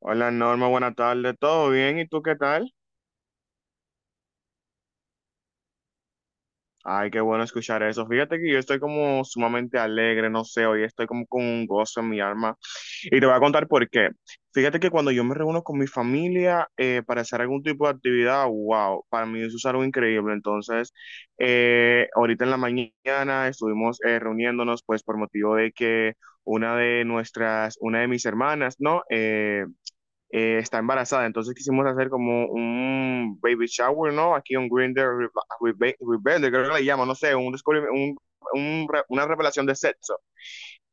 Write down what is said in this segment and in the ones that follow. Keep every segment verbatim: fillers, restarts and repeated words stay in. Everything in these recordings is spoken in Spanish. Hola Norma, buenas tardes, ¿todo bien? ¿Y tú qué tal? Ay, qué bueno escuchar eso. Fíjate que yo estoy como sumamente alegre, no sé, hoy estoy como con un gozo en mi alma. Y te voy a contar por qué. Fíjate que cuando yo me reúno con mi familia eh, para hacer algún tipo de actividad, wow, para mí eso es algo increíble. Entonces, eh, ahorita en la mañana estuvimos eh, reuniéndonos pues por motivo de que una de nuestras, una de mis hermanas, ¿no? Eh, eh, está embarazada. Entonces quisimos hacer como un baby shower, ¿no? Aquí un Grinder Rebelde, creo que le llaman, no sé, un, descubrimiento- un- un re- una revelación de sexo.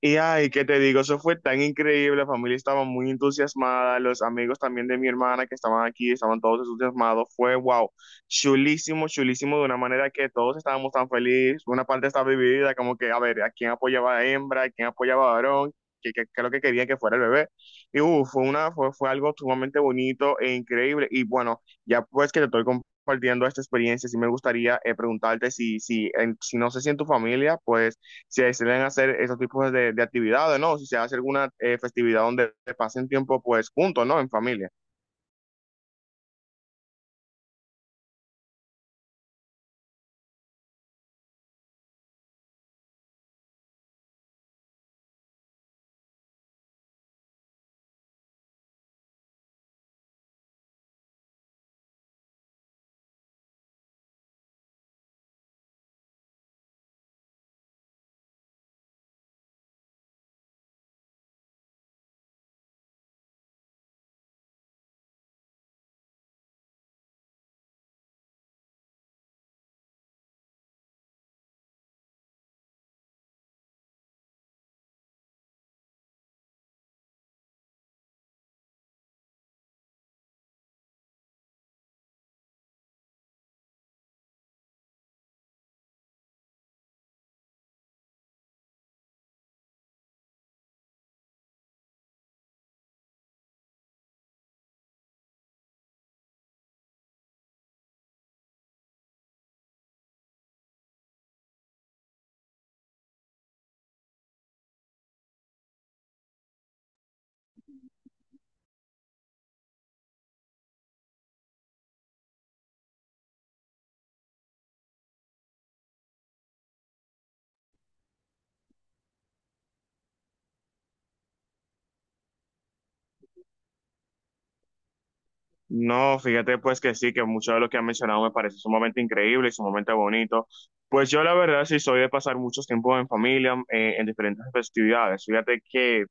Y ay, ¿qué te digo? Eso fue tan increíble, la familia estaba muy entusiasmada, los amigos también de mi hermana que estaban aquí, estaban todos entusiasmados, fue wow, chulísimo, chulísimo, de una manera que todos estábamos tan felices, una parte estaba dividida, como que, a ver, ¿a quién apoyaba a hembra? ¿A quién apoyaba a varón? ¿Qué, qué, qué es lo que querían que fuera el bebé? Y uh, fue, una, fue, fue algo sumamente bonito e increíble, y bueno, ya pues que te estoy compartiendo esta experiencia, sí me gustaría eh, preguntarte si, si, en- si no sé si en tu familia, pues si deciden hacer esos tipos de, de actividades, ¿no? Si se hace alguna eh, festividad donde pasen tiempo pues juntos, ¿no? En familia. No, fíjate pues que sí, que mucho de lo que han mencionado me parece sumamente increíble y sumamente bonito. Pues yo la verdad sí soy de pasar muchos tiempos en familia, eh, en diferentes festividades. Fíjate que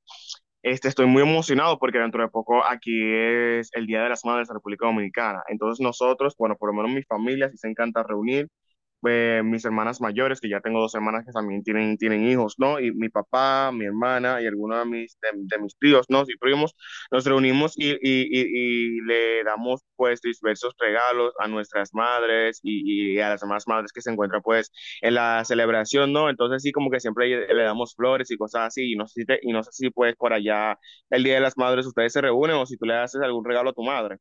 este, estoy muy emocionado porque dentro de poco aquí es el Día de las Madres de la República Dominicana. Entonces nosotros, bueno, por lo menos mi familia sí se encanta reunir, eh, mis hermanas mayores, que ya tengo dos hermanas que también tienen, tienen hijos, ¿no? Y mi papá, mi hermana y algunos de mis, de, de mis tíos, ¿no? Y primos. Nos reunimos y, y, y, y le damos pues diversos regalos a nuestras madres y, y a las demás madres que se encuentran pues en la celebración, ¿no? Entonces sí, como que siempre le, le damos flores y cosas así y no sé si te- y no sé si pues por allá el Día de las Madres ustedes se reúnen o si tú le haces algún regalo a tu madre.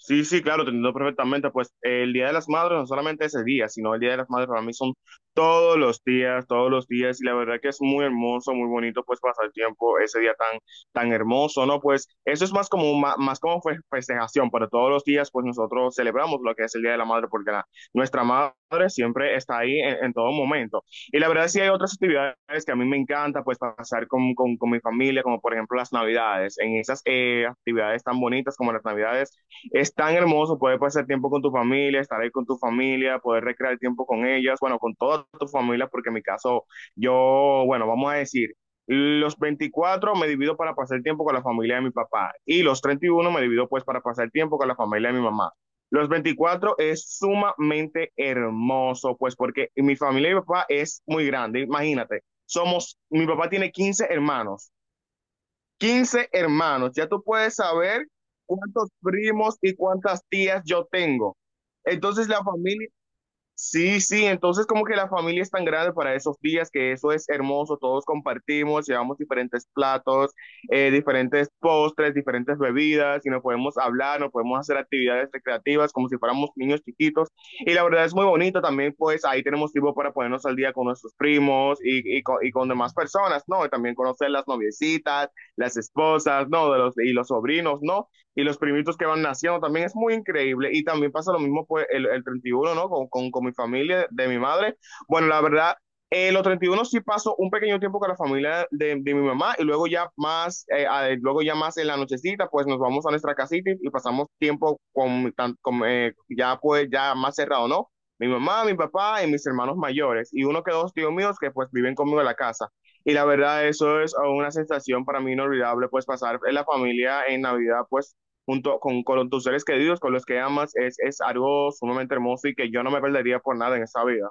Sí, sí, claro, te entiendo perfectamente. Pues eh, el Día de las Madres no solamente ese día, sino el Día de las Madres para mí son todos los días, todos los días, y la verdad que es muy hermoso, muy bonito, pues pasar tiempo ese día tan, tan hermoso, ¿no? Pues eso es más como, ma- más, como fe- festejación, pero todos los días, pues nosotros celebramos lo que es el Día de la Madre, porque la- nuestra madre siempre está ahí en, en todo momento. Y la verdad sí hay otras actividades que a mí me encanta, pues pasar con, con, con mi familia, como por ejemplo las Navidades, en esas eh, actividades tan bonitas como las Navidades. Es tan hermoso poder pasar tiempo con tu familia, estar ahí con tu familia, poder recrear tiempo con ellas, bueno, con toda tu familia, porque en mi caso, yo, bueno, vamos a decir, los veinticuatro me divido para pasar tiempo con la familia de mi papá y los treinta y uno me divido pues para pasar tiempo con la familia de mi mamá. Los veinticuatro es sumamente hermoso, pues porque mi familia y mi papá es muy grande, imagínate. Somos, mi papá tiene quince hermanos, quince hermanos. Ya tú puedes saber cuántos primos y cuántas tías yo tengo. Entonces la familia. Sí, sí, entonces como que la familia es tan grande para esos días que eso es hermoso, todos compartimos, llevamos diferentes platos, eh, diferentes postres, diferentes bebidas y nos podemos hablar, nos podemos hacer actividades recreativas como si fuéramos niños chiquitos y la verdad es muy bonito también pues ahí tenemos tiempo para ponernos al día con nuestros primos y, y con, y con demás personas, ¿no? Y también conocer las noviecitas, las esposas, ¿no? De los, y los sobrinos, ¿no? Y los primitos que van naciendo también es muy increíble y también pasa lo mismo pues el, el treinta y uno, ¿no? Con, con, con mi familia, de mi madre. Bueno, la verdad, eh, los treinta y uno sí paso un pequeño tiempo con la familia de, de mi mamá y luego ya más, eh, a, luego ya más en la nochecita, pues nos vamos a nuestra casita y, y pasamos tiempo con, con eh, ya pues ya más cerrado, ¿no? Mi mamá, mi papá y mis hermanos mayores y uno que dos tíos míos que pues viven conmigo en la casa. Y la verdad eso es una sensación para mí inolvidable, pues pasar en la familia en Navidad, pues junto con, con tus seres queridos, con los que amas, es, es algo sumamente hermoso y que yo no me perdería por nada en esta vida.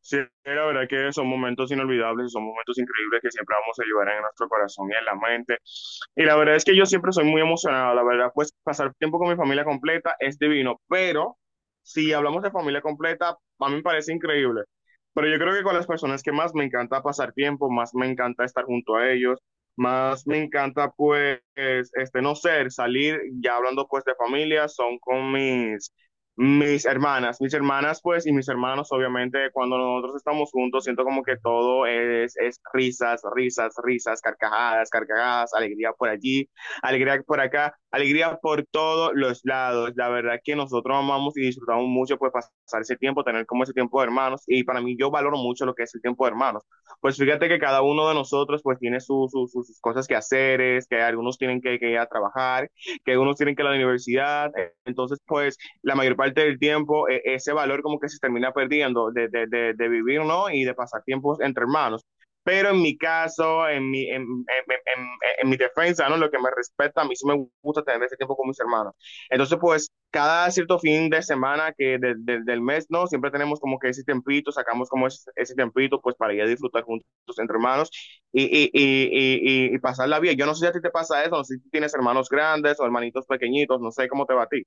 Sí, la verdad que son momentos inolvidables, son momentos increíbles que siempre vamos a llevar en nuestro corazón y en la mente. Y la verdad es que yo siempre soy muy emocionado, la verdad, pues pasar tiempo con mi familia completa es divino, pero si hablamos de familia completa, a mí me parece increíble. Pero yo creo que con las personas que más me encanta pasar tiempo, más me encanta estar junto a ellos, más me encanta pues, este, no ser, salir, ya hablando pues de familia, son con mis mis hermanas, mis hermanas pues y mis hermanos obviamente cuando nosotros estamos juntos siento como que todo es, es risas, risas, risas, carcajadas, carcajadas, alegría por allí, alegría por acá, alegría por todos los lados. La verdad que nosotros amamos y disfrutamos mucho pues pasar ese tiempo, tener como ese tiempo de hermanos y para mí yo valoro mucho lo que es el tiempo de hermanos. Pues fíjate que cada uno de nosotros pues tiene su- su- su- sus cosas que hacer, es que algunos tienen que, que ir a trabajar, que algunos tienen que ir a la universidad, eh, entonces pues la mayor parte del tiempo eh, ese valor como que se termina perdiendo de, de, de, de vivir, ¿no? Y de pasar tiempos entre hermanos. Pero en mi caso, en mi, en, en, en, en, en mi defensa, ¿no? Lo que me respecta, a mí sí me gusta tener ese tiempo con mis hermanos. Entonces, pues, cada cierto fin de semana que de, de, del mes, ¿no? Siempre tenemos como que ese tempito, sacamos como ese, ese tempito, pues, para ir a disfrutar juntos entre hermanos y, y, y, y, y pasarla bien. Yo no sé si a ti te pasa eso, no sé si tienes hermanos grandes o hermanitos pequeñitos, no sé cómo te va a ti.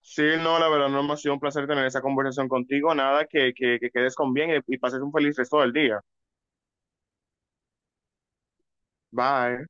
Sí, no, la verdad, no no ha sido un placer tener esa conversación contigo. Nada, que, que, que quedes con bien y, y pases un feliz resto del día. Bye.